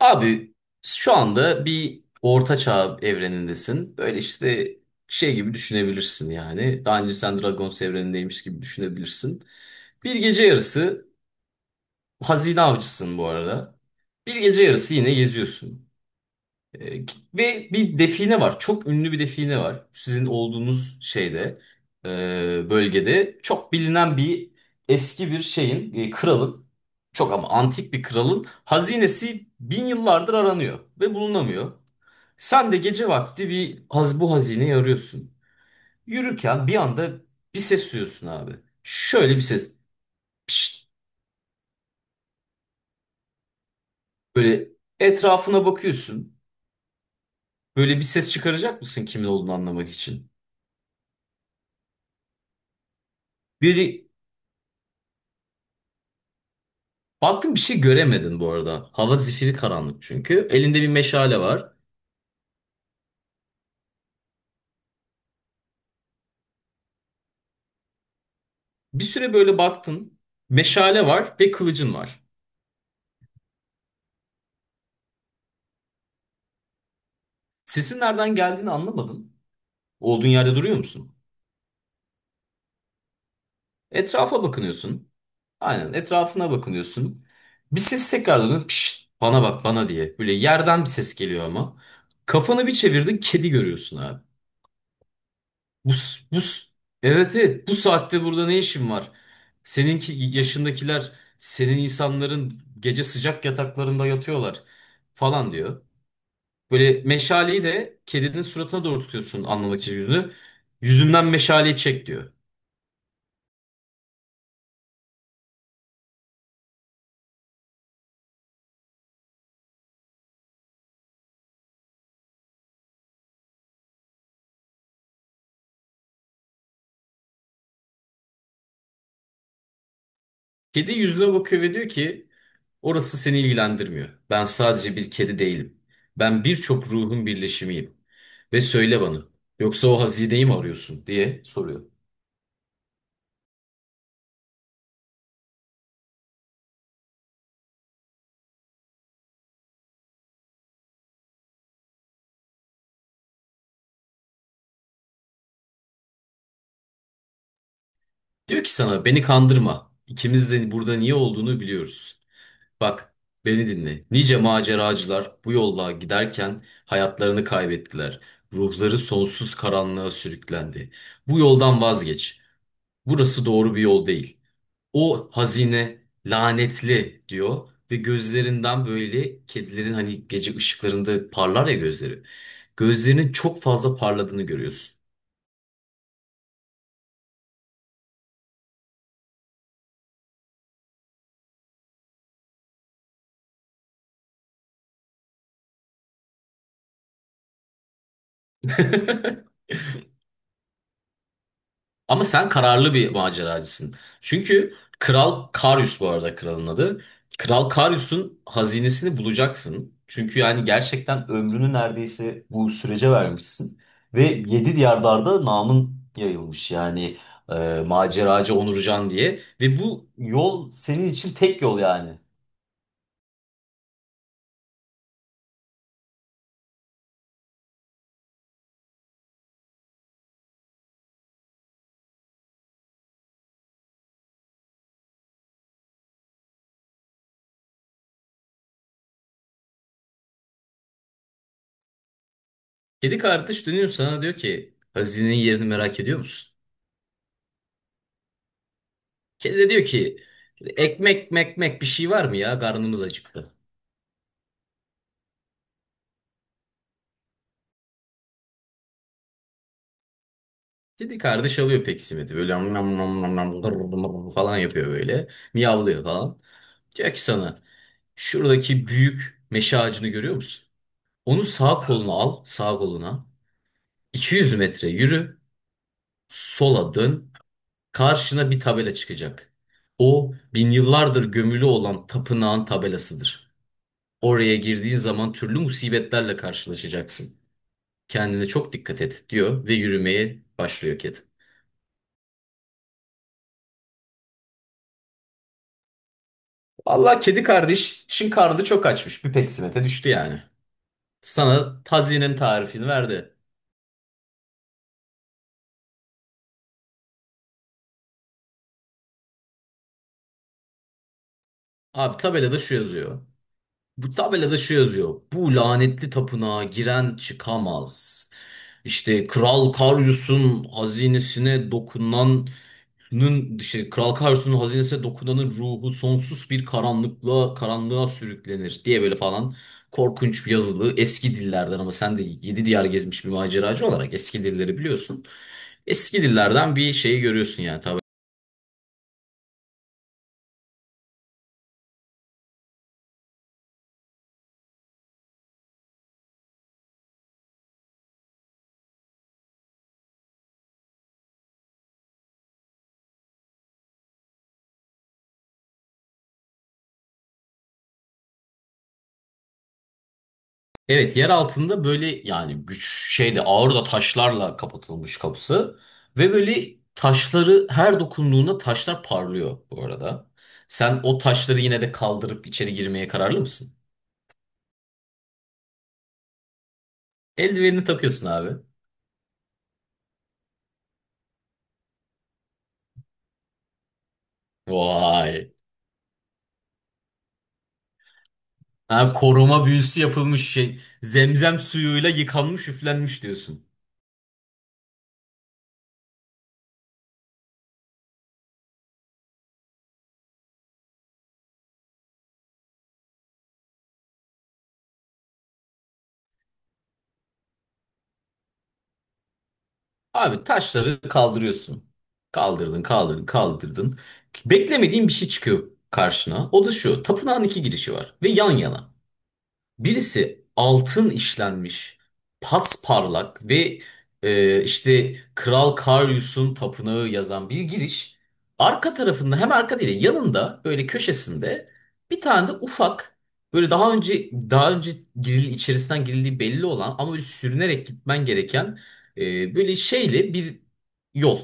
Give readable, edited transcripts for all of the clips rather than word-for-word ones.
Abi şu anda bir orta çağ evrenindesin. Böyle işte şey gibi düşünebilirsin yani. Daha önce sen Dragons evrenindeymiş gibi düşünebilirsin. Bir gece yarısı hazine avcısın bu arada. Bir gece yarısı yine geziyorsun. E, Ve bir define var. Çok ünlü bir define var. Sizin olduğunuz şeyde, e, bölgede çok bilinen bir eski bir şeyin, kralın, çok ama antik bir kralın hazinesi bin yıllardır aranıyor ve bulunamıyor. Sen de gece vakti bir haz bu hazineyi arıyorsun. Yürürken bir anda bir ses duyuyorsun abi. Şöyle bir ses. Pişt, böyle etrafına bakıyorsun. Böyle bir ses çıkaracak mısın kimin olduğunu anlamak için? Biri Baktım bir şey göremedin bu arada. Hava zifiri karanlık çünkü. Elinde bir meşale var. Bir süre böyle baktın. Meşale var ve kılıcın var. Sesin nereden geldiğini anlamadın. Olduğun yerde duruyor musun? Etrafa bakınıyorsun. Aynen etrafına bakınıyorsun. Bir ses tekrar dönüyor. Pişt, bana bak bana diye. Böyle yerden bir ses geliyor ama. Kafanı bir çevirdin kedi görüyorsun abi. Bu, s- bu, s- evet evet bu saatte burada ne işin var? Seninki yaşındakiler senin insanların gece sıcak yataklarında yatıyorlar falan diyor. Böyle meşaleyi de kedinin suratına doğru tutuyorsun anlamak için yüzünü. Yüzümden meşaleyi çek diyor. Kedi yüzüne bakıyor ve diyor ki orası seni ilgilendirmiyor. Ben sadece bir kedi değilim. Ben birçok ruhun birleşimiyim. Ve söyle bana yoksa o hazineyi mi arıyorsun diye soruyor. Diyor ki sana beni kandırma. İkimiz de burada niye olduğunu biliyoruz. Bak beni dinle. Nice maceracılar bu yolla giderken hayatlarını kaybettiler. Ruhları sonsuz karanlığa sürüklendi. Bu yoldan vazgeç. Burası doğru bir yol değil. O hazine lanetli diyor ve gözlerinden böyle kedilerin hani gece ışıklarında parlar ya gözleri. Gözlerinin çok fazla parladığını görüyorsun. Ama sen kararlı bir maceracısın. Çünkü Kral Karyus bu arada kralın adı. Kral Karyus'un hazinesini bulacaksın. Çünkü yani gerçekten ömrünü neredeyse bu sürece vermişsin. Ve yedi diyarlarda namın yayılmış yani maceracı Onurcan diye. Ve bu yol senin için tek yol yani. Kedi kardeş dönüyor sana diyor ki hazinenin yerini merak ediyor musun? Kedi de diyor ki ekmek mekmek bir şey var mı ya karnımız acıktı. Kedi kardeş alıyor peksimet'i böyle nam nam nam nam nam gır gır falan yapıyor böyle. Miyavlıyor falan. Diyor ki sana şuradaki büyük meşe ağacını görüyor musun? Onu sağ koluna al sağ koluna. 200 metre yürü sola dön. Karşına bir tabela çıkacak. O bin yıllardır gömülü olan tapınağın tabelasıdır. Oraya girdiğin zaman türlü musibetlerle karşılaşacaksın. Kendine çok dikkat et diyor ve yürümeye başlıyor kedi. Vallahi kedi kardeşin karnı çok açmış. Bir peksimete düştü yani. Sana tazinin tarifini verdi. Abi tabelada şu yazıyor. Bu tabelada şu yazıyor. Bu lanetli tapınağa giren çıkamaz. İşte Kral Karyus'un hazinesine dokunan işte Kral Karsu'nun hazinesine dokunanın ruhu sonsuz bir karanlığa sürüklenir diye böyle falan korkunç bir yazılı eski dillerden ama sen de yedi diyar gezmiş bir maceracı olarak eski dilleri biliyorsun. Eski dillerden bir şeyi görüyorsun yani tabii. Evet yer altında böyle yani güç şeyde ağır da taşlarla kapatılmış kapısı ve böyle taşları her dokunduğunda taşlar parlıyor bu arada. Sen o taşları yine de kaldırıp içeri girmeye kararlı mısın? Eldivenini takıyorsun abi. Vay. Ha, koruma büyüsü yapılmış şey. Zemzem suyuyla yıkanmış, üflenmiş diyorsun. Abi taşları kaldırıyorsun. Kaldırdın, kaldırdın, kaldırdın. Beklemediğin bir şey çıkıyor karşına. O da şu. Tapınağın iki girişi var ve yan yana. Birisi altın işlenmiş, pasparlak ve işte Kral Karyus'un tapınağı yazan bir giriş. Arka tarafında hem arka değil de yanında böyle köşesinde bir tane de ufak böyle daha önce içerisinden girildiği belli olan ama böyle sürünerek gitmen gereken böyle şeyle bir yol.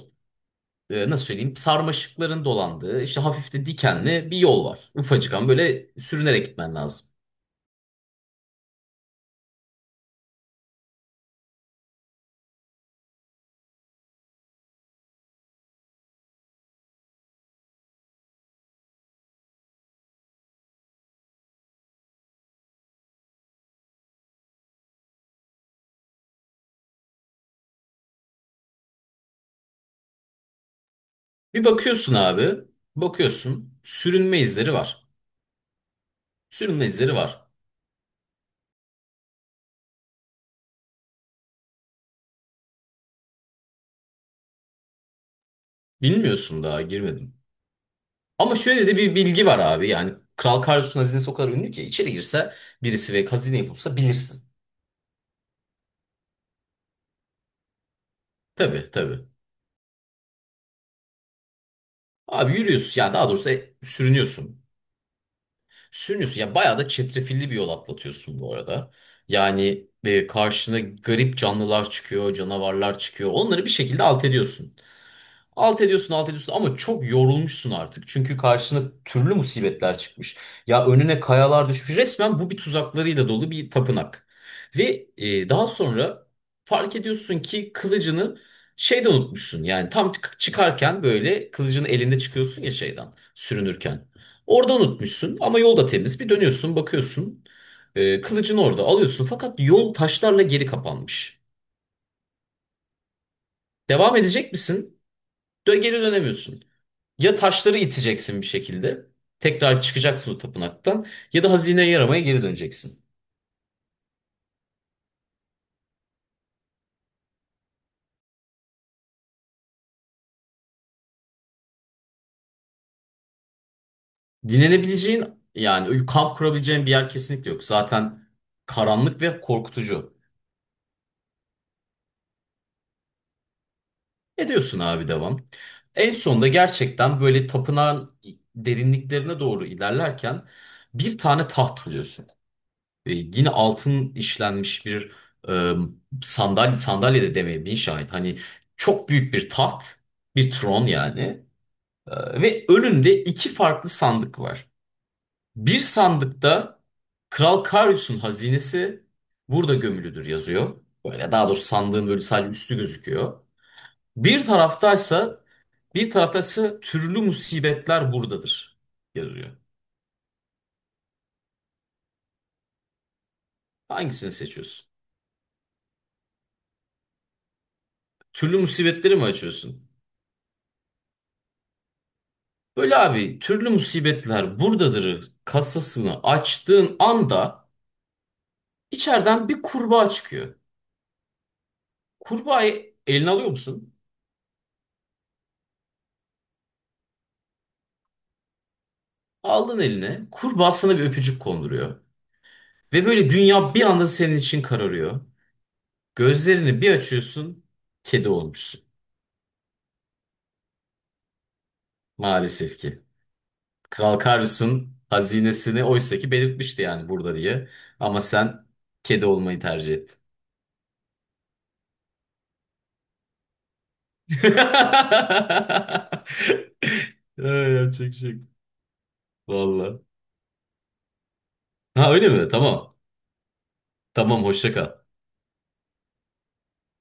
Nasıl söyleyeyim sarmaşıkların dolandığı işte hafif de dikenli bir yol var. Ufacık ama böyle sürünerek gitmen lazım. Bir bakıyorsun abi, bakıyorsun sürünme izleri var. Sürünme izleri var. Bilmiyorsun daha girmedin. Ama şöyle de bir bilgi var abi yani Kral Karlos'un hazinesi o kadar ünlü ki içeri girse birisi ve hazineyi bulsa bilirsin. Tabii tabii. Abi yürüyorsun ya daha doğrusu sürünüyorsun. Sürünüyorsun ya bayağı da çetrefilli bir yol atlatıyorsun bu arada. Yani karşına garip canlılar çıkıyor, canavarlar çıkıyor. Onları bir şekilde alt ediyorsun. Alt ediyorsun, alt ediyorsun ama çok yorulmuşsun artık. Çünkü karşına türlü musibetler çıkmış. Ya önüne kayalar düşmüş. Resmen bu bir tuzaklarıyla dolu bir tapınak. Ve daha sonra fark ediyorsun ki kılıcını şeyde unutmuşsun. Yani tam çıkarken böyle kılıcını elinde çıkıyorsun ya şeyden sürünürken. Orada unutmuşsun ama yol da temiz. Bir dönüyorsun, bakıyorsun. Kılıcını orada alıyorsun fakat yol taşlarla geri kapanmış. Devam edecek misin? Geri dönemiyorsun. Ya taşları iteceksin bir şekilde. Tekrar çıkacaksın o tapınaktan. Ya da hazineye yaramaya geri döneceksin. Dinlenebileceğin yani kamp kurabileceğin bir yer kesinlikle yok. Zaten karanlık ve korkutucu. Ne diyorsun abi devam. En sonunda gerçekten böyle tapınağın derinliklerine doğru ilerlerken bir tane taht buluyorsun. Ve yine altın işlenmiş bir e, sandalye, sandalye de demeye bin şahit. Hani çok büyük bir taht, bir tron yani. Ve önünde iki farklı sandık var. Bir sandıkta Kral Karius'un hazinesi burada gömülüdür yazıyor. Böyle daha doğrusu sandığın böyle sadece üstü gözüküyor. Bir taraftaysa bir taraftaysa türlü musibetler buradadır yazıyor. Hangisini seçiyorsun? Türlü musibetleri mi açıyorsun? Böyle abi türlü musibetler buradadır kasasını açtığın anda içeriden bir kurbağa çıkıyor. Kurbağayı eline alıyor musun? Aldın eline, kurbağa sana bir öpücük konduruyor. Ve böyle dünya bir anda senin için kararıyor. Gözlerini bir açıyorsun, kedi olmuşsun. Maalesef ki. Kral Karus'un hazinesini oysa ki belirtmişti yani burada diye. Ama sen kedi olmayı tercih ettin. Ay, yapacak bir şey yok. Valla. Ha öyle mi? Tamam. Tamam hoşça kal.